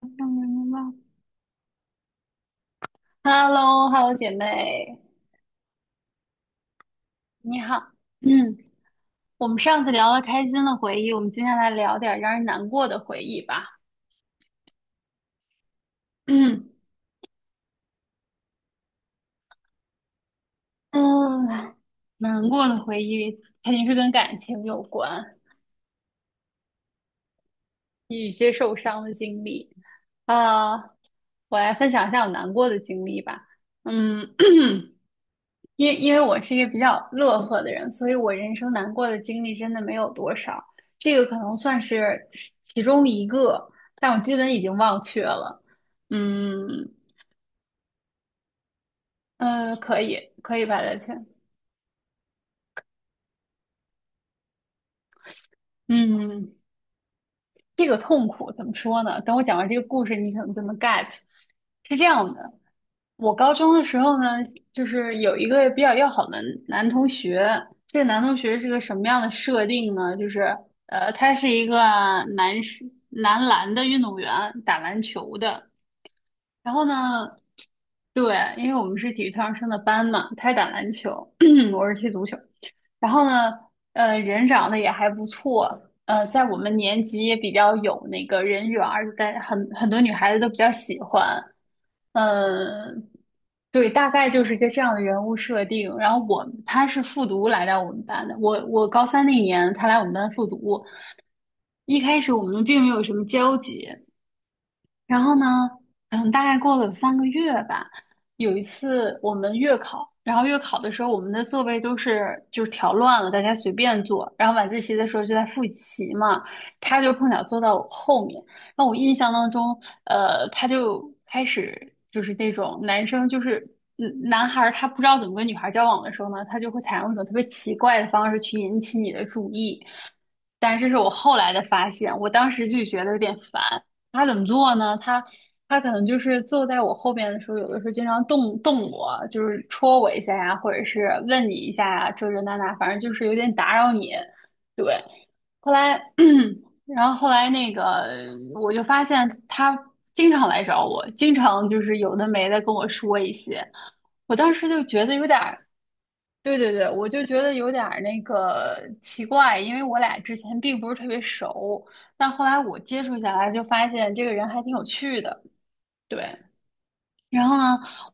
嗯，白。Hello，Hello，姐妹，你好。嗯，我们上次聊了开心的回忆，我们今天来聊点儿让人难过的回忆吧。嗯嗯。难过的回忆肯定是跟感情有关，与一些受伤的经历。啊，我来分享一下我难过的经历吧。嗯。因为我是一个比较乐呵的人，所以我人生难过的经历真的没有多少，这个可能算是其中一个，但我基本已经忘却了。嗯。可以可以吧，大家。嗯，这个痛苦怎么说呢？等我讲完这个故事，你可能就能 get。是这样的，我高中的时候呢，就是有一个比较要好的男同学。这个男同学是个什么样的设定呢？就是他是一个男士男篮的运动员，打篮球的。然后呢，对，因为我们是体育特长生的班嘛，他打篮球，我是踢足球。然后呢，人长得也还不错，在我们年级也比较有那个人缘儿，在很多女孩子都比较喜欢。嗯，对，大概就是一个这样的人物设定。然后他是复读来到我们班的，我高三那年他来我们班复读，一开始我们并没有什么交集。然后呢，大概过了有3个月吧。有一次我们月考，然后月考的时候，我们的座位都是就是调乱了，大家随便坐。然后晚自习的时候就在复习嘛，他就碰巧坐到我后面。然后我印象当中，他就开始就是那种男生就是。男孩儿他不知道怎么跟女孩儿交往的时候呢，他就会采用一种特别奇怪的方式去引起你的注意。但是这是我后来的发现，我当时就觉得有点烦。他怎么做呢？他可能就是坐在我后边的时候，有的时候经常动动我，就是戳我一下呀，或者是问你一下呀，这这那那，反正就是有点打扰你。对，后来，然后后来那个，我就发现他经常来找我，经常就是有的没的跟我说一些，我当时就觉得有点。对对对，我就觉得有点儿那个奇怪，因为我俩之前并不是特别熟，但后来我接触下来就发现这个人还挺有趣的。对，然后呢，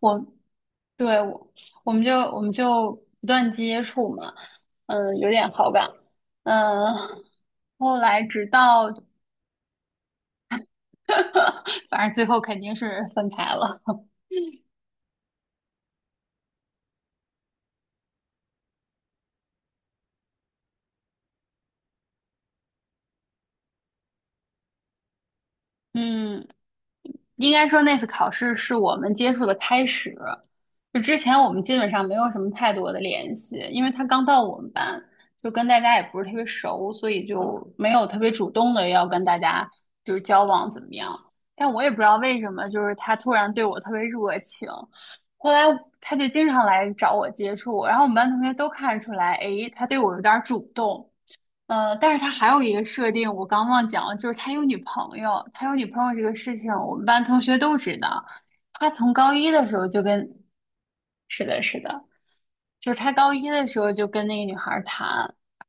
我对我我们就不断接触嘛，嗯，有点好感。嗯，后来直到 反正最后肯定是分开了。嗯。应该说那次考试是我们接触的开始，就之前我们基本上没有什么太多的联系，因为他刚到我们班，就跟大家也不是特别熟，所以就没有特别主动的要跟大家就是交往怎么样。但我也不知道为什么，就是他突然对我特别热情，后来他就经常来找我接触。然后我们班同学都看出来，诶，他对我有点主动。但是他还有一个设定，我刚忘讲了，就是他有女朋友。他有女朋友这个事情，我们班同学都知道。他从高一的时候就跟，是的，是的，就是他高一的时候就跟那个女孩儿谈。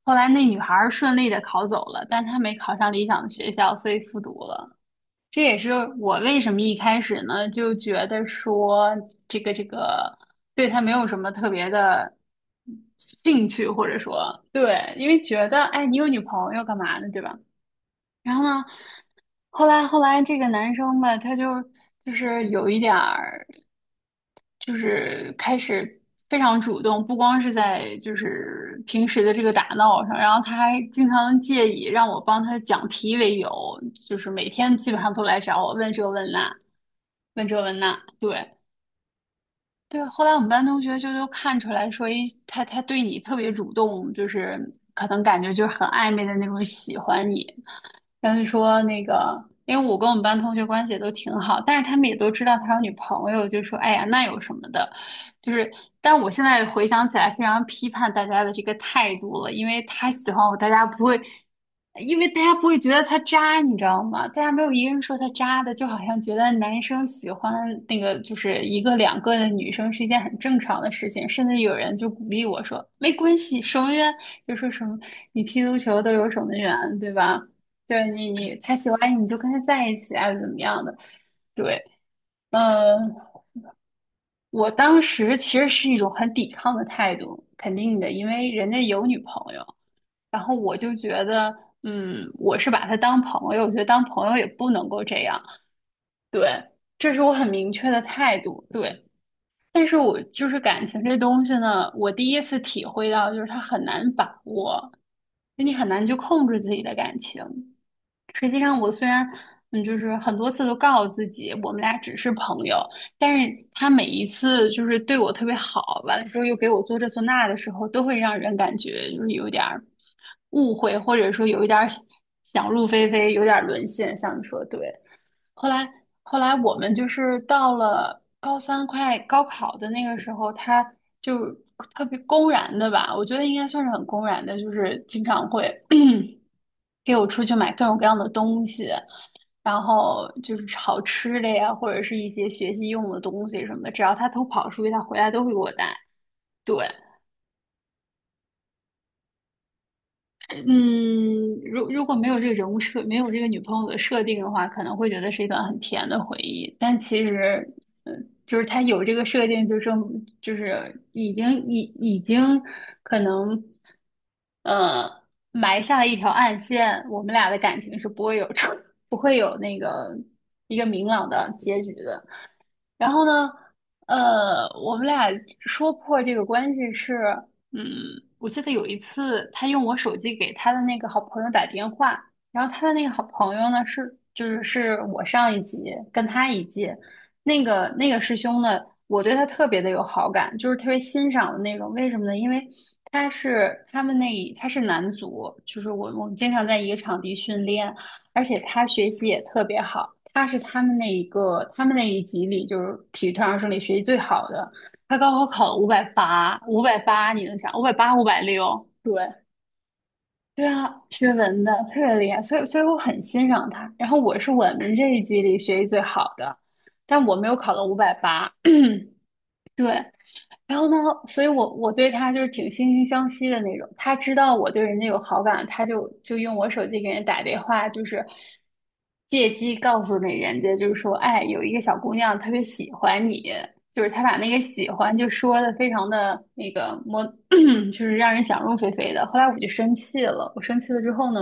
后来那女孩儿顺利的考走了，但他没考上理想的学校，所以复读了。这也是我为什么一开始呢就觉得说这个对他没有什么特别的兴趣，或者说对，因为觉得哎，你有女朋友干嘛呢，对吧？然后呢，后来这个男生吧，他就是有一点儿，就是开始非常主动。不光是在就是平时的这个打闹上，然后他还经常借以让我帮他讲题为由，就是每天基本上都来找我问这问那，问这问那，对。对，后来我们班同学就都看出来说，他对你特别主动，就是可能感觉就是很暧昧的那种喜欢你。但是说那个，因为我跟我们班同学关系也都挺好，但是他们也都知道他有女朋友，就说哎呀那有什么的。就是，但我现在回想起来，非常批判大家的这个态度了，因为他喜欢我，大家不会，因为大家不会觉得他渣，你知道吗？大家没有一个人说他渣的，就好像觉得男生喜欢那个就是一个两个的女生是一件很正常的事情，甚至有人就鼓励我说没关系，守门员就说什么你踢足球都有守门员，对吧？对你，你他喜欢你，你就跟他在一起啊，怎么样的？对。嗯，我当时其实是一种很抵抗的态度，肯定的，因为人家有女朋友，然后我就觉得，我是把她当朋友，我觉得当朋友也不能够这样，对。这是我很明确的态度，对。但是我就是感情这东西呢，我第一次体会到，就是它很难把握，就你很难去控制自己的感情。实际上，我虽然就是很多次都告诉自己我们俩只是朋友，但是他每一次就是对我特别好，完了之后又给我做这做那的时候，都会让人感觉就是有一点儿误会，或者说有一点儿想入非非，有点儿沦陷。像你说的对，后来后来我们就是到了高三快高考的那个时候，他就特别公然的吧，我觉得应该算是很公然的，就是经常会，给我出去买各种各样的东西。然后就是好吃的呀，或者是一些学习用的东西什么的，只要他偷跑出去，他回来都会给我带。对，嗯，如果没有这个人物设，没有这个女朋友的设定的话，可能会觉得是一段很甜的回忆。但其实，就是他有这个设定，就是已经可能，呃，埋下了一条暗线，我们俩的感情是不会有出，不会有那个一个明朗的结局的。然后呢，我们俩说破这个关系是，嗯，我记得有一次，他用我手机给他的那个好朋友打电话。然后他的那个好朋友呢是，就是我上一级跟他一届，那个师兄呢，我对他特别的有好感，就是特别欣赏的那种。为什么呢？因为他是他们那一他是男足，就是我们经常在一个场地训练，而且他学习也特别好。他是他们那一个，他们那一级里就是体育特长生里学习最好的。他高考考了五百八，五百八，你能想五百八、560？对，对啊，学文的特别厉害，所以我很欣赏他。然后我是我们这一级里学习最好的，但我没有考到五百八。对，然后呢，所以我对他就是挺惺惺相惜的那种。他知道我对人家有好感，他就用我手机给人打电话，就是借机告诉那人家，就是说，哎，有一个小姑娘特别喜欢你，就是他把那个喜欢就说的非常的那个模，就是让人想入非非的。后来我就生气了，我生气了之后呢，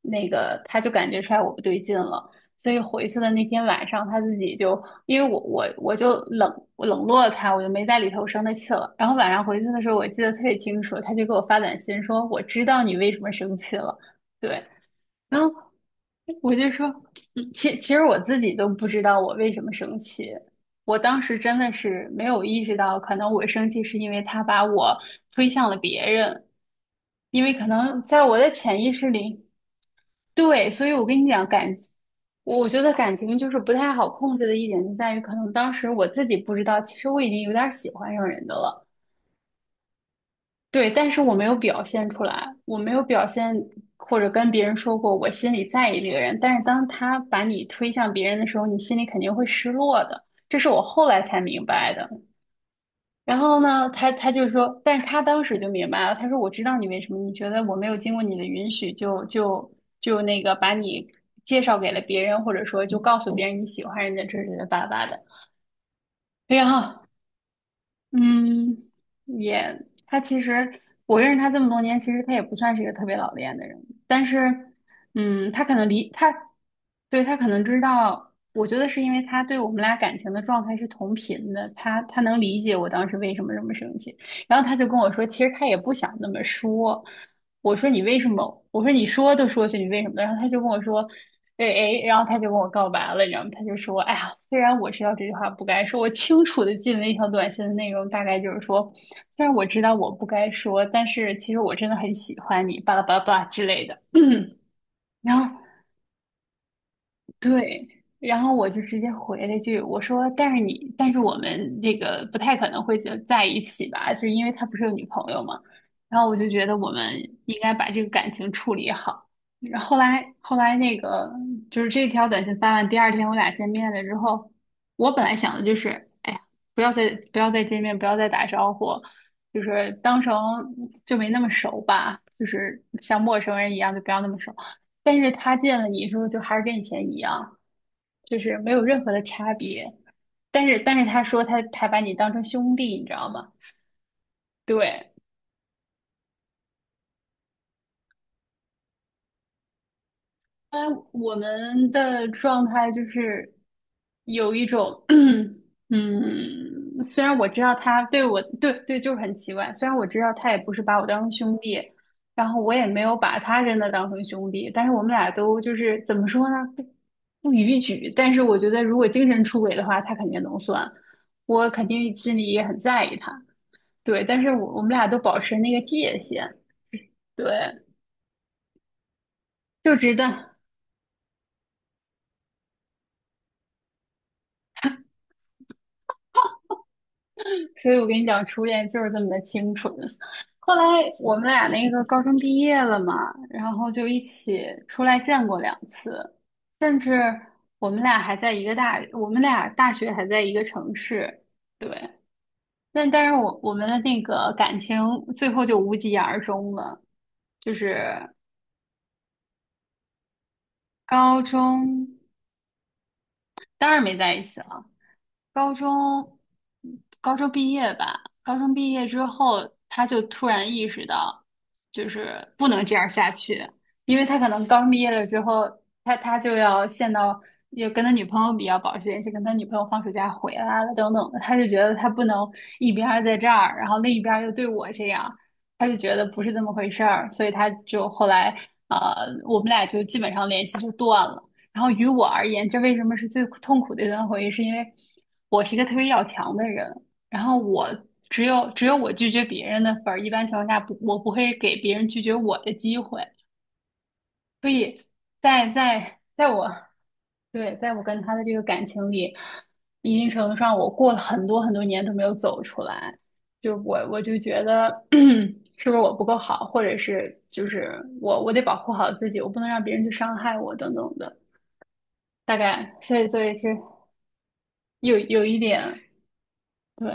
那个他就感觉出来我不对劲了。所以回去的那天晚上，他自己就因为我冷落了他，我就没在里头生他气了。然后晚上回去的时候，我记得特别清楚，他就给我发短信说：“我知道你为什么生气了。”对，然后我就说，其实我自己都不知道我为什么生气。我当时真的是没有意识到，可能我生气是因为他把我推向了别人，因为可能在我的潜意识里，对，所以我跟你讲，我觉得感情就是不太好控制的一点，就在于可能当时我自己不知道，其实我已经有点儿喜欢上人的了，对，但是我没有表现出来，我没有表现或者跟别人说过我心里在意这个人，但是当他把你推向别人的时候，你心里肯定会失落的，这是我后来才明白的。然后呢，他就说，但是他当时就明白了，他说我知道你为什么，你觉得我没有经过你的允许就那个把你介绍给了别人，或者说就告诉别人你喜欢人家，这是巴拉巴拉的。然后嗯，他其实我认识他这么多年，其实他也不算是一个特别老练的人，但是，嗯，他可能理他，对，他可能知道，我觉得是因为他对我们俩感情的状态是同频的，他能理解我当时为什么这么生气，然后他就跟我说，其实他也不想那么说，我说你为什么？我说你说都说去，你为什么？然后他就跟我说，对，哎，然后他就跟我告白了，你知道吗？他就说，哎呀，虽然我知道这句话不该说，我清楚的记得那条短信的内容大概就是说，虽然我知道我不该说，但是其实我真的很喜欢你，巴拉巴拉巴拉之类的。然后对，然后我就直接回了一句，我说：“但是你，但是我们那个不太可能会在一起吧？就是因为他不是有女朋友嘛。”然后我就觉得我们应该把这个感情处理好。然后后来那个就是这条短信发完，第二天我俩见面了之后，我本来想的就是，哎呀，不要再见面，不要再打招呼，就是当成就没那么熟吧，就是像陌生人一样，就不要那么熟。但是他见了你之后，就还是跟以前一样。就是没有任何的差别。但是，但是他说他把你当成兄弟，你知道吗？对，当然我们的状态就是有一种，嗯，虽然我知道他对我，对对，就是很奇怪。虽然我知道他也不是把我当成兄弟，然后我也没有把他真的当成兄弟，但是我们俩都就是怎么说呢？不逾矩。但是我觉得，如果精神出轨的话，他肯定能算，我肯定心里也很在意他。对，但是我们俩都保持那个界限，对，就知道。所以我跟你讲，初恋就是这么的清纯。后来我们俩那个高中毕业了嘛，然后就一起出来见过2次，甚至我们俩还在一个大，我们俩大学还在一个城市，对。但是我们的那个感情最后就无疾而终了，就是高中当然没在一起了。高中，高中毕业吧。高中毕业之后，他就突然意识到，就是不能这样下去，因为他可能刚毕业了之后，他就要陷到，又跟他女朋友比较保持联系，跟他女朋友放暑假回来了等等的，他就觉得他不能一边儿在这儿，然后另一边儿又对我这样，他就觉得不是这么回事儿，所以他就后来，呃，我们俩就基本上联系就断了。然后于我而言，这为什么是最痛苦的一段回忆？是因为我是一个特别要强的人，然后我只有我拒绝别人的份儿，一般情况下不，我不会给别人拒绝我的机会。所以在我对，在我跟他的这个感情里，一定程度上，我过了很多很多年都没有走出来。就我就觉得 是不是我不够好，或者是就是我得保护好自己，我不能让别人去伤害我等等的。大概，所以是有一点，对，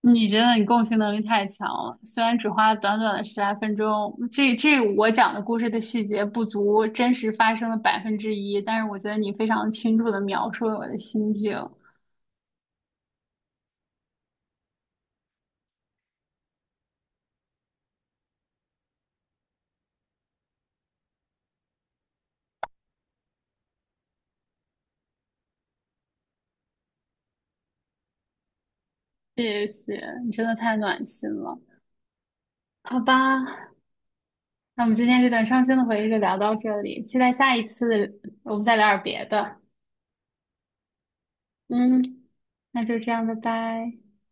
你真的你共情能力太强了。虽然只花了短短的10来分钟，这我讲的故事的细节不足真实发生的1%，但是我觉得你非常清楚地描述了我的心境。谢谢，你真的太暖心了。好吧，那我们今天这段伤心的回忆就聊到这里，期待下一次我们再聊点别的。嗯，那就这样，拜拜。